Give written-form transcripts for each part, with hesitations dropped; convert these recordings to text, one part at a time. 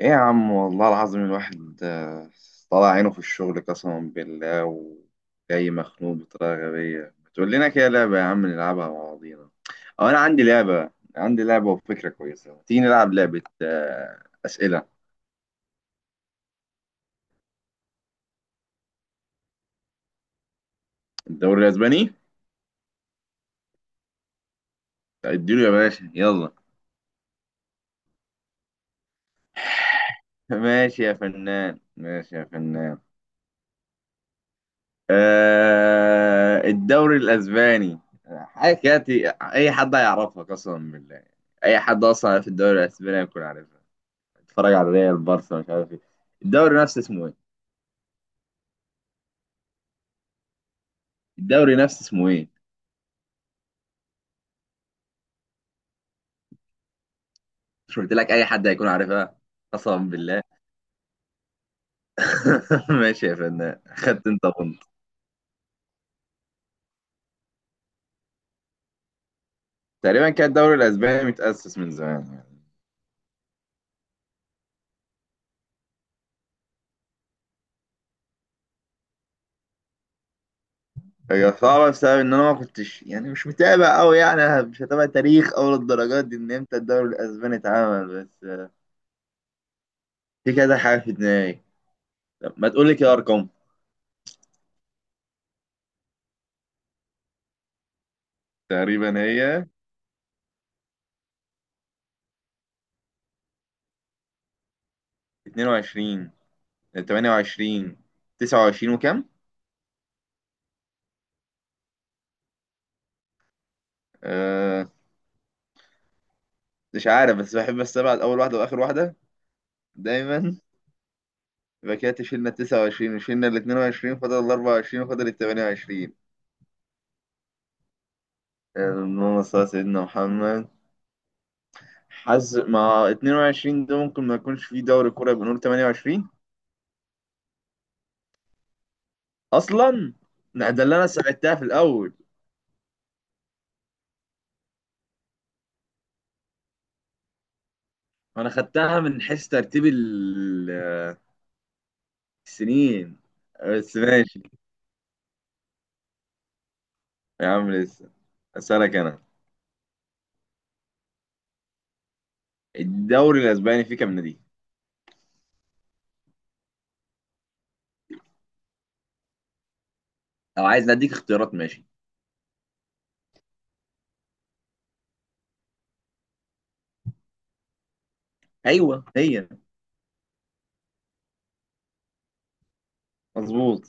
ايه يا عم والله العظيم الواحد طلع عينه في الشغل قسما بالله، وجاي مخنوق بطريقة غبية. ما تقول لنا كده لعبة يا عم، نلعبها مع بعضينا؟ أو أنا عندي لعبة. عندي لعبة وفكرة كويسة، تيجي نلعب لعبة أسئلة الدوري الأسباني. طيب اديله يا باشا يلا. ماشي يا فنان، ماشي يا فنان. الدوري الأسباني. حاجة كده أي حد هيعرفها قسما بالله. أي حد أصلا في الدوري الأسباني هيكون عارفها. اتفرج على ريال بارسا مش عارف ايه. الدوري نفسه اسمه ايه؟ الدوري نفسه اسمه ايه؟ مش قلت لك اي حد هيكون عارفها؟ قسما بالله. ماشي يا فنان، خدت انت بونت. تقريبا كان الدوري الاسباني متاسس من زمان يعني. هي صعبة بسبب ان انا ما كنتش، يعني مش متابع قوي، يعني مش هتابع تاريخ او للدرجات دي ان امتى الدوري الاسباني اتعمل، بس في كذا حاجة في دماغي. طب ما تقول لي كده ارقام. تقريبا هي 22، 28، 29 وكام؟ مش عارف، بس بحب استبعد اول واحده واخر واحده دايما. يبقى كده شيلنا 29 وشيلنا ال 22، فاضل ال 24 فاضل ال 28. اللهم صل على سيدنا محمد. حظ مع 22 ده ممكن ما يكونش فيه دوري كوره، يبقى نقول 28. اصلا لا، ده اللي انا ساعدتها في الاول. انا خدتها من حيث ترتيب السنين، بس ماشي. يا عم لسه اسالك انا. الدوري الاسباني فيه كام نادي؟ لو عايز اديك اختيارات ماشي. ايوه هي. مظبوط.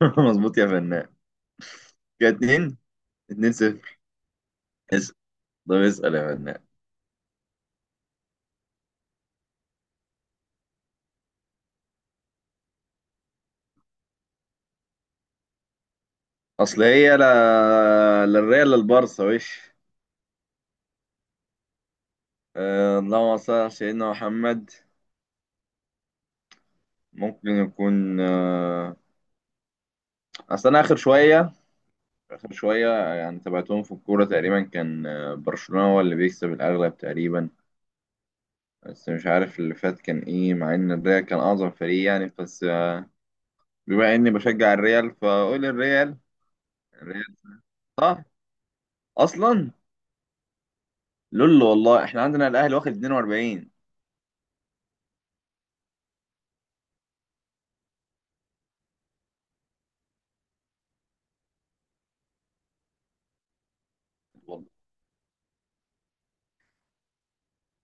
مظبوط يا فنان. كده اتنين. اتنين صفر. اسأل. طب اسأل يا فنان. أصل هي لا لا الريال لا البارسا وش. اللهم صل على سيدنا محمد. ممكن يكون. أصل أنا آخر شوية. آخر شوية يعني تابعتهم في الكورة. تقريبا كان برشلونة هو اللي بيكسب الأغلب تقريبا. بس مش عارف اللي فات كان إيه، مع إن الريال كان أعظم فريق يعني، بس بما إني بشجع الريال، فأقول الريال. الريال صح أصلا. لولو والله، إحنا عندنا الأهلي واخد 42. والله.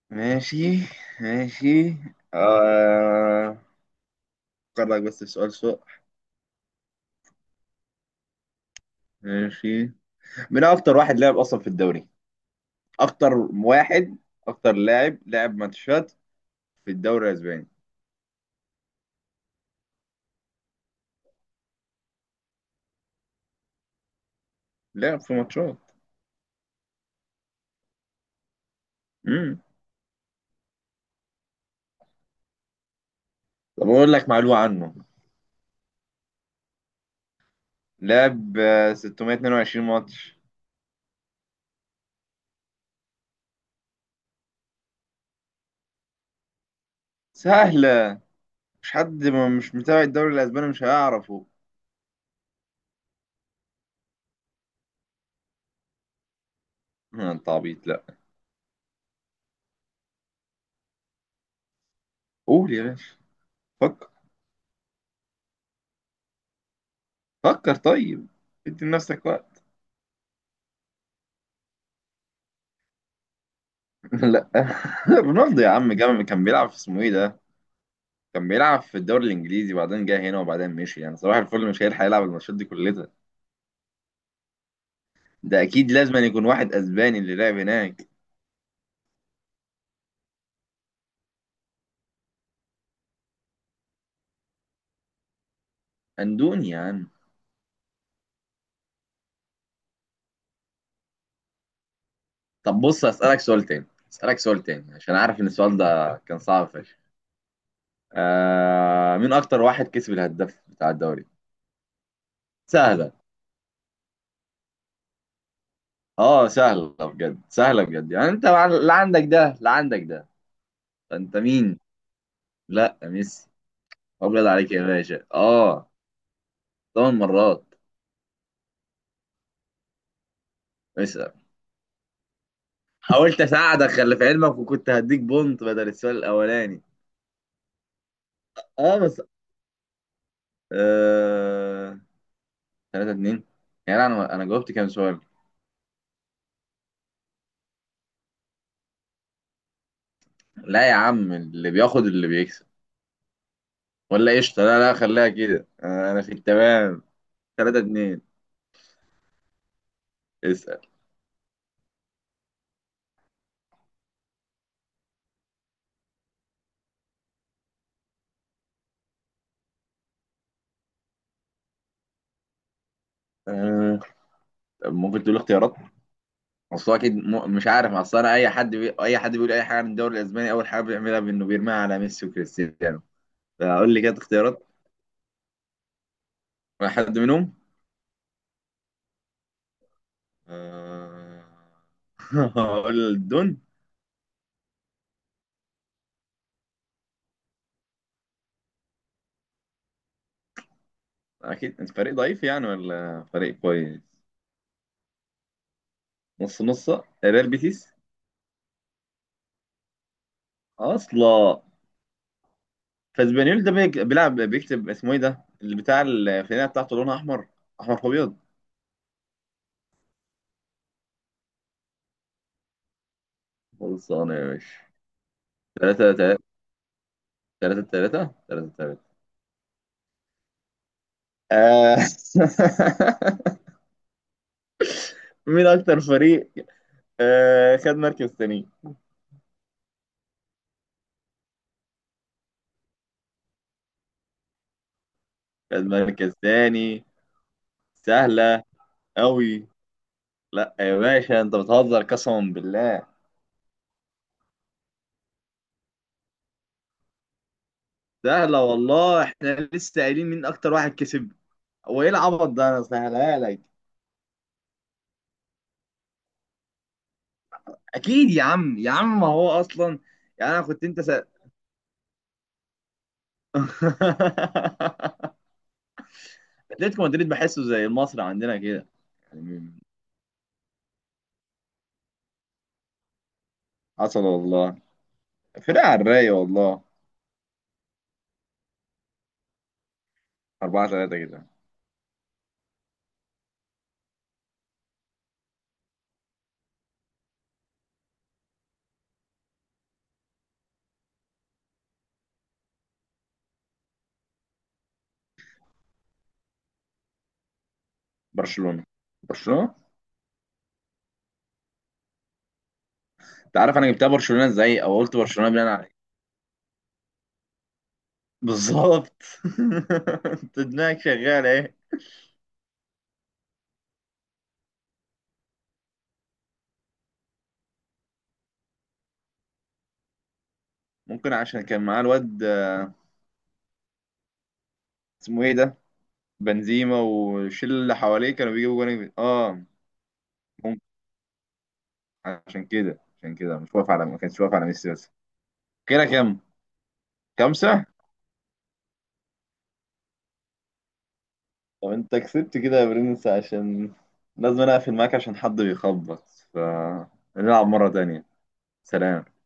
ماشي. ماشي. آه أفكر لك بس في سؤال سوء. ماشي. مين أكتر واحد لعب أصلا في الدوري؟ أكتر واحد، أكتر لاعب لعب ماتشات في الدوري الأسباني. لعب في ماتشات. امم طب أقول لك معلومة عنه. لعب 622 ماتش. سهلة. مش حد ما مش متابع الدوري الأسباني مش هيعرفه. أنت عبيط لا. قول يا باشا، فكر. فكر طيب، ادي لنفسك وقت. لا رونالدو يا عم جامد، كان بيلعب في اسمه ايه ده، كان بيلعب في الدوري الانجليزي، وبعدين جه هنا وبعدين مشي، يعني صباح الفل. مش هيلحق يلعب الماتشات دي كلها. ده اكيد لازم أن يكون واحد اسباني اللي لعب هناك. اندوني يا عم. طب بص اسالك سؤال تاني. اسالك سؤال تاني عشان عارف ان السؤال ده كان صعب فشخ. مين اكتر واحد كسب الهداف بتاع الدوري؟ سهله. اه سهله بجد، سهله بجد، يعني انت لا عندك ده، لا عندك ده. فانت مين؟ لا ميسي. ابيض عليك يا باشا. اه، 8 مرات. اسأل. حاولت اساعدك، خلي في علمك، وكنت هديك بونت بدل السؤال الاولاني. اه بس. آه... 3-2. يعني انا جاوبت كام سؤال؟ لا يا عم، اللي بياخد اللي بيكسب، ولا قشطه. لا لا خليها كده. آه، انا في التمام. 3-2. اسأل. آه... طب ممكن تقول اختيارات. اصل هو اكيد مش عارف. اصل انا اي حد اي حد بيقول اي حاجه عن الدوري الاسباني، اول حاجه بيعملها بانه بيرميها على ميسي وكريستيانو. فقول لي كده اختيارات. واحد منهم. آه، هقول الدون. اكيد انت فريق ضعيف يعني ولا فريق كويس؟ نص نص. ريال بيتيس اصلا. فاسبانيول ده بيلعب، بيكتب اسمه ايه ده، اللي بتاع الفنانه بتاعته، لونها احمر. احمر في ابيض. خلصانه يا باشا. تلاتة تلاتة. تلاتة تلاتة تلاتة تلاتة. آه. مين أكتر فريق خد مركز تاني؟ خد مركز تاني. سهلة. أوي. لا يا باشا، أنت بتهزر قسما بالله. سهلة والله، احنا لسه قايلين مين اكتر واحد كسب. هو ايه العبط ده، انا سهلها لك. اكيد يا عم، يا عم ما هو اصلا. يعني انا كنت انت اتلتيكو مدريد بحسه زي المصري عندنا كده يعني. حصل والله، فرقة على الرايق والله. 4-3 كده. برشلونة. برشلونة، انت عارف انا جبتها برشلونة ازاي، او قلت برشلونة بناء على ايه؟ بالظبط. انت دماغك شغالة ايه. ممكن عشان كان معاه الواد اسمه ايه ده، بنزيما، والشله اللي حواليه كانوا بيجيبوا جوان اه. ممكن. عشان كده، عشان كده مش واقف على، ما كانش واقف على ميسي بس. كده كام. خمسة. طب انت كسبت كده يا برنس، عشان لازم انا اقفل معاك، عشان حد بيخبط. فنلعب مرة تانية. سلام.